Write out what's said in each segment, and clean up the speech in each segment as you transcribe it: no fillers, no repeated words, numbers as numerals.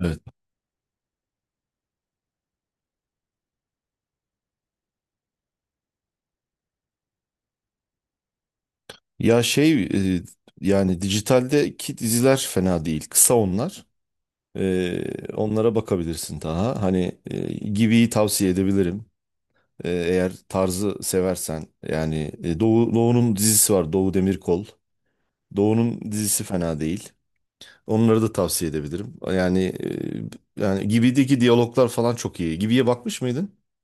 Evet. Ya e, yani dijitaldeki diziler fena değil. Kısa onlar. E, Onlara bakabilirsin daha. Hani Gibi'yi tavsiye edebilirim. Eğer tarzı seversen. Yani Doğu'nun dizisi var. Doğu Demirkol. Doğu'nun dizisi fena değil. Onları da tavsiye edebilirim. Yani Gibi'deki diyaloglar falan çok iyi. Gibi'ye bakmış mıydın?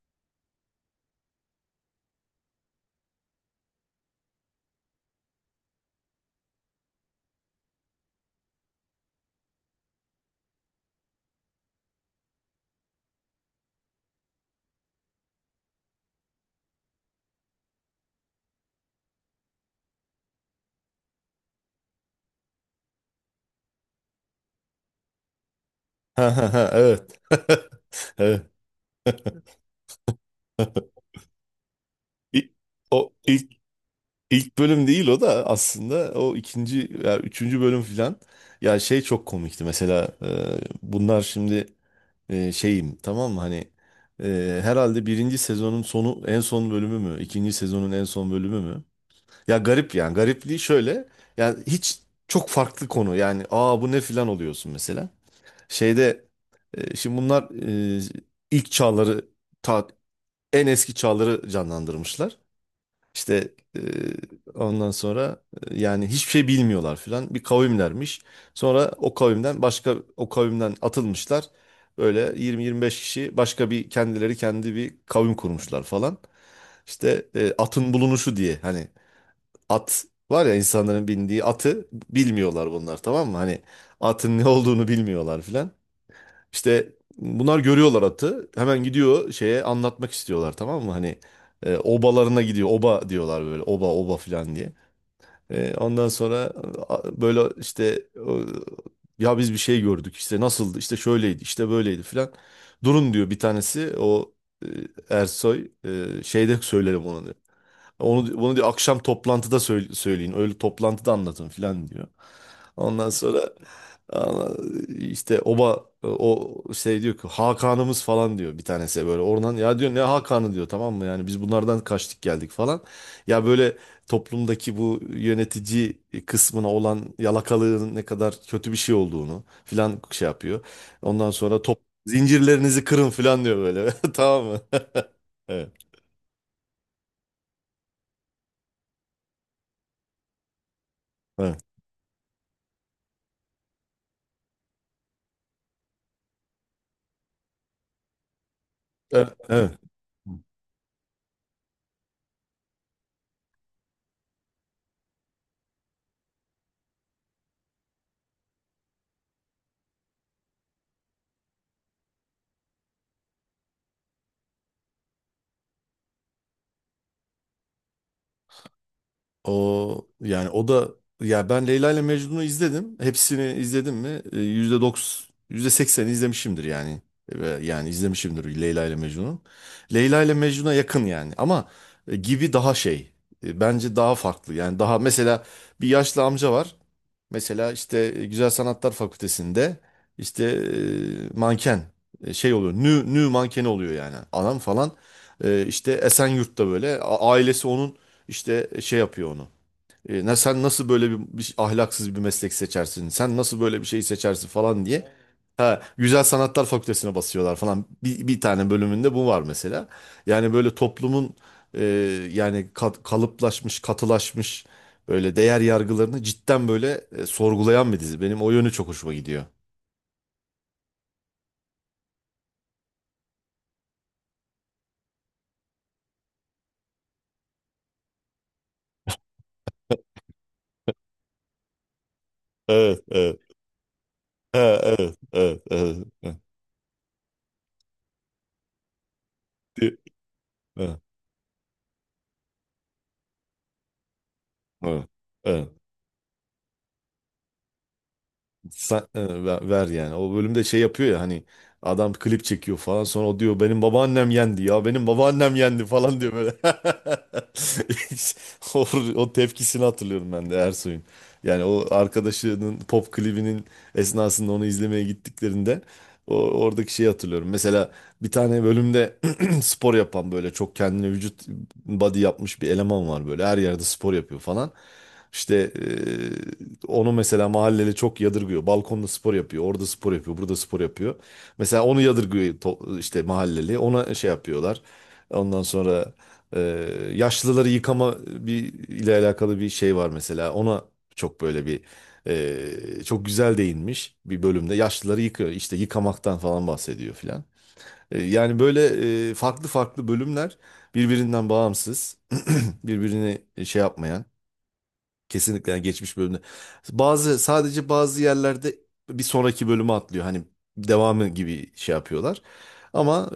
Ha ha ha, evet. Evet. İ- O ilk İlk bölüm değil o da aslında, o ikinci ya üçüncü bölüm filan. Ya şey çok komikti mesela, bunlar şimdi, şeyim, tamam mı? Hani herhalde birinci sezonun sonu en son bölümü mü, ikinci sezonun en son bölümü mü. Ya garip, yani garipliği şöyle. Yani hiç, çok farklı konu, yani bu ne filan oluyorsun mesela. Şeyde, şimdi bunlar, e, ilk çağları, ta en eski çağları canlandırmışlar. İşte ondan sonra, yani hiçbir şey bilmiyorlar filan. Bir kavimlermiş. Sonra o kavimden başka o kavimden atılmışlar. Böyle 20-25 kişi başka bir kendileri kendi bir kavim kurmuşlar falan. İşte atın bulunuşu diye, hani at var ya, insanların bindiği atı bilmiyorlar bunlar, tamam mı? Hani atın ne olduğunu bilmiyorlar filan. İşte bunlar görüyorlar atı. Hemen gidiyor, şeye anlatmak istiyorlar, tamam mı? Hani obalarına gidiyor. Oba diyorlar böyle. Oba oba filan diye. Ondan sonra, böyle işte o, ya biz bir şey gördük. İşte nasıldı? İşte şöyleydi. İşte böyleydi filan. Durun diyor bir tanesi. O e, Ersoy şeyde söylerim onu diyor. Onu, bunu diyor, akşam toplantıda söyleyin. Öyle toplantıda anlatın filan diyor. Ondan sonra Aa, işte oba o şey diyor ki Hakan'ımız falan diyor bir tanesi, böyle oradan ya diyor ne Hakan'ı diyor, tamam mı? Yani biz bunlardan kaçtık geldik falan. Ya böyle toplumdaki bu yönetici kısmına olan yalakalığın ne kadar kötü bir şey olduğunu filan şey yapıyor. Ondan sonra zincirlerinizi kırın filan diyor böyle, tamam mı? Evet, evet, evet, evet. O yani o da, ya ben Leyla ile Mecnun'u izledim. Hepsini izledim mi? %90, %80 izlemişimdir yani. Ve yani izlemişimdir Leyla ile Mecnun'u. Leyla ile Mecnun'a yakın yani, ama gibi daha şey. Bence daha farklı. Yani daha mesela, bir yaşlı amca var. Mesela işte Güzel Sanatlar Fakültesi'nde, işte manken şey oluyor. Nü nü mankeni oluyor yani. Adam falan, işte Esenyurt'ta böyle ailesi onun, işte şey yapıyor onu. Ne, sen nasıl böyle bir ahlaksız bir meslek seçersin? Sen nasıl böyle bir şey seçersin falan diye. Ha, Güzel Sanatlar Fakültesine basıyorlar falan. Bir tane bölümünde bu var mesela. Yani böyle toplumun, e, yani kalıplaşmış, katılaşmış böyle değer yargılarını cidden böyle sorgulayan bir dizi. Benim o yönü çok hoşuma gidiyor. Evet, evet. Ha, evet, evet, evet. Evet. Di- evet, evet. Evet. Ver, ver yani. O bölümde şey yapıyor ya, hani adam klip çekiyor falan, sonra o diyor benim babaannem yendi ya, benim babaannem yendi falan diyor böyle. O, o tepkisini hatırlıyorum ben de Ersoy'un. Yani o arkadaşının pop klibinin esnasında onu izlemeye gittiklerinde, o, oradaki şeyi hatırlıyorum. Mesela bir tane bölümde spor yapan, böyle çok kendine vücut, body yapmış bir eleman var, böyle her yerde spor yapıyor falan. İşte onu mesela mahalleli çok yadırgıyor. Balkonda spor yapıyor, orada spor yapıyor, burada spor yapıyor. Mesela onu yadırgıyor işte mahalleli. Ona şey yapıyorlar. Ondan sonra, ee, yaşlıları yıkama bir ile alakalı bir şey var mesela. Ona çok böyle bir, çok güzel değinmiş bir bölümde. Yaşlıları yıkıyor, işte yıkamaktan falan bahsediyor filan. Yani böyle, farklı farklı bölümler, birbirinden bağımsız, birbirini şey yapmayan. Kesinlikle yani geçmiş bölümde. Bazı, sadece bazı yerlerde bir sonraki bölümü atlıyor. Hani devamı gibi şey yapıyorlar. Ama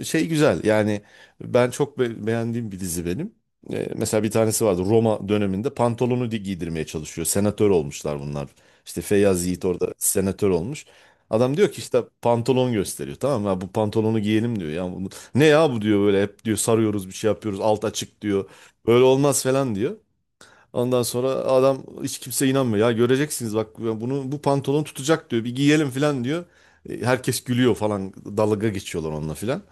şey güzel. Yani ben çok beğendiğim bir dizi benim. Mesela bir tanesi vardı, Roma döneminde pantolonu giydirmeye çalışıyor. Senatör olmuşlar bunlar. İşte Feyyaz Yiğit orada senatör olmuş. Adam diyor ki işte pantolon gösteriyor, tamam mı? Ya bu pantolonu giyelim diyor. Ya bunu, ne ya bu diyor böyle, hep diyor sarıyoruz bir şey yapıyoruz alt açık diyor. Böyle olmaz falan diyor. Ondan sonra adam, hiç kimse inanmıyor. Ya göreceksiniz bak bunu, bu pantolon tutacak diyor. Bir giyelim falan diyor. Herkes gülüyor falan. Dalga geçiyorlar onunla falan.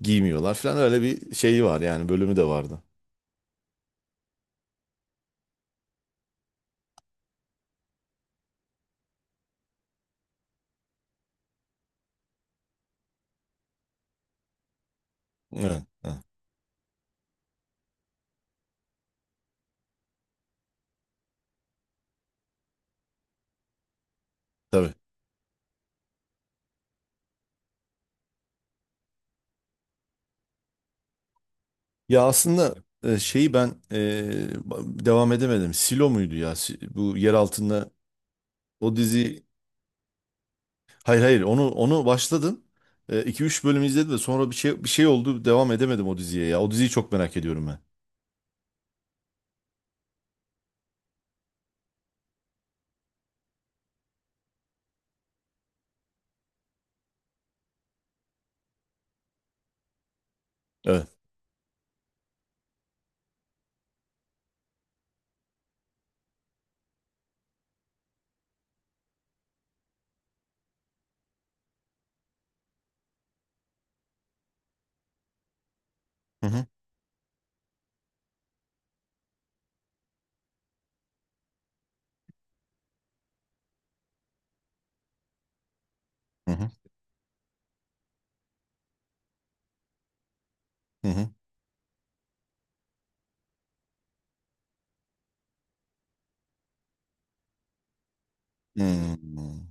Giymiyorlar falan. Öyle bir şeyi var, yani bölümü de vardı. Evet, evet, tabii. Ya aslında şeyi ben, devam edemedim. Silo muydu ya? Bu yer altında o dizi. Hayır hayır, onu başladım. İki üç bölüm izledim de sonra bir şey oldu. Devam edemedim o diziye ya. O diziyi çok merak ediyorum ben. Evet. Hı hı. Hı hı. Hı hı. Hmm.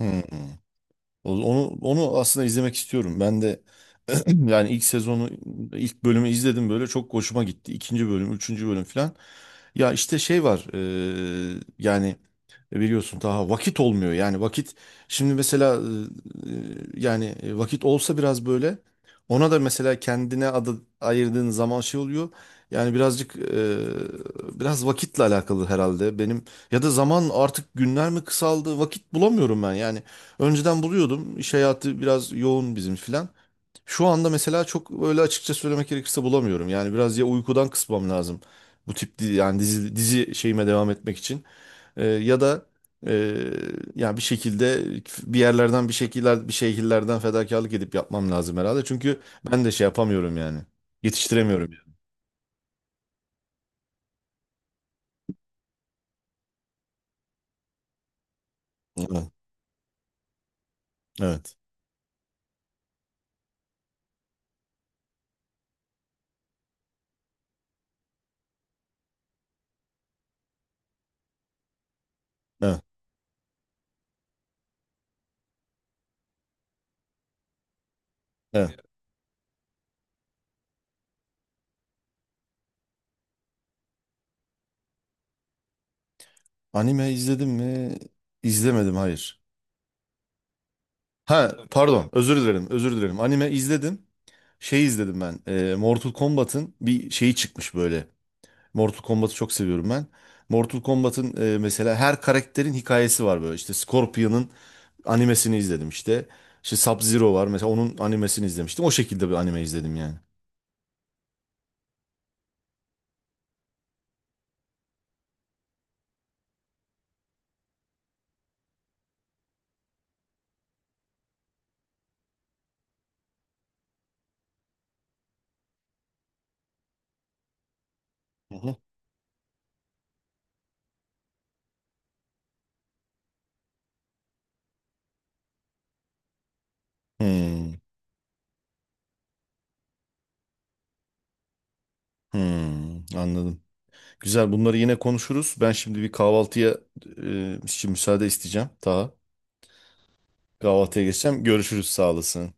Hmm. Onu aslında izlemek istiyorum. Ben de yani ilk sezonu, ilk bölümü izledim, böyle çok hoşuma gitti. İkinci bölüm, üçüncü bölüm falan. Ya işte şey var, yani biliyorsun daha vakit olmuyor. Yani vakit, şimdi mesela yani vakit olsa biraz böyle, ona da mesela kendine adı ayırdığın zaman şey oluyor. Yani birazcık, biraz vakitle alakalı herhalde benim, ya da zaman artık günler mi kısaldı, vakit bulamıyorum ben yani. Önceden buluyordum, iş hayatı biraz yoğun bizim filan. Şu anda mesela çok öyle, açıkça söylemek gerekirse bulamıyorum. Yani biraz, ya uykudan kısmam lazım. Bu tip yani dizi şeyime devam etmek için. Ya da e, yani bir şekilde, bir yerlerden bir şekiller, bir şekillerden fedakarlık edip yapmam lazım herhalde. Çünkü ben de şey yapamıyorum yani. Yetiştiremiyorum yani. Evet. Evet. Evet. Evet. Anime izledim mi? İzlemedim, hayır. Ha pardon, özür dilerim özür dilerim. Anime izledim. Şey izledim ben, Mortal Kombat'ın bir şeyi çıkmış böyle. Mortal Kombat'ı çok seviyorum ben. Mortal Kombat'ın mesela her karakterin hikayesi var böyle. İşte Scorpion'ın animesini izledim işte. İşte Sub-Zero var mesela, onun animesini izlemiştim. O şekilde bir anime izledim yani. Hı hı. Hmm, hmm, anladım. Güzel, bunları yine konuşuruz. Ben şimdi bir kahvaltıya için müsaade isteyeceğim. Daha kahvaltıya geçeceğim. Görüşürüz, sağ olasın.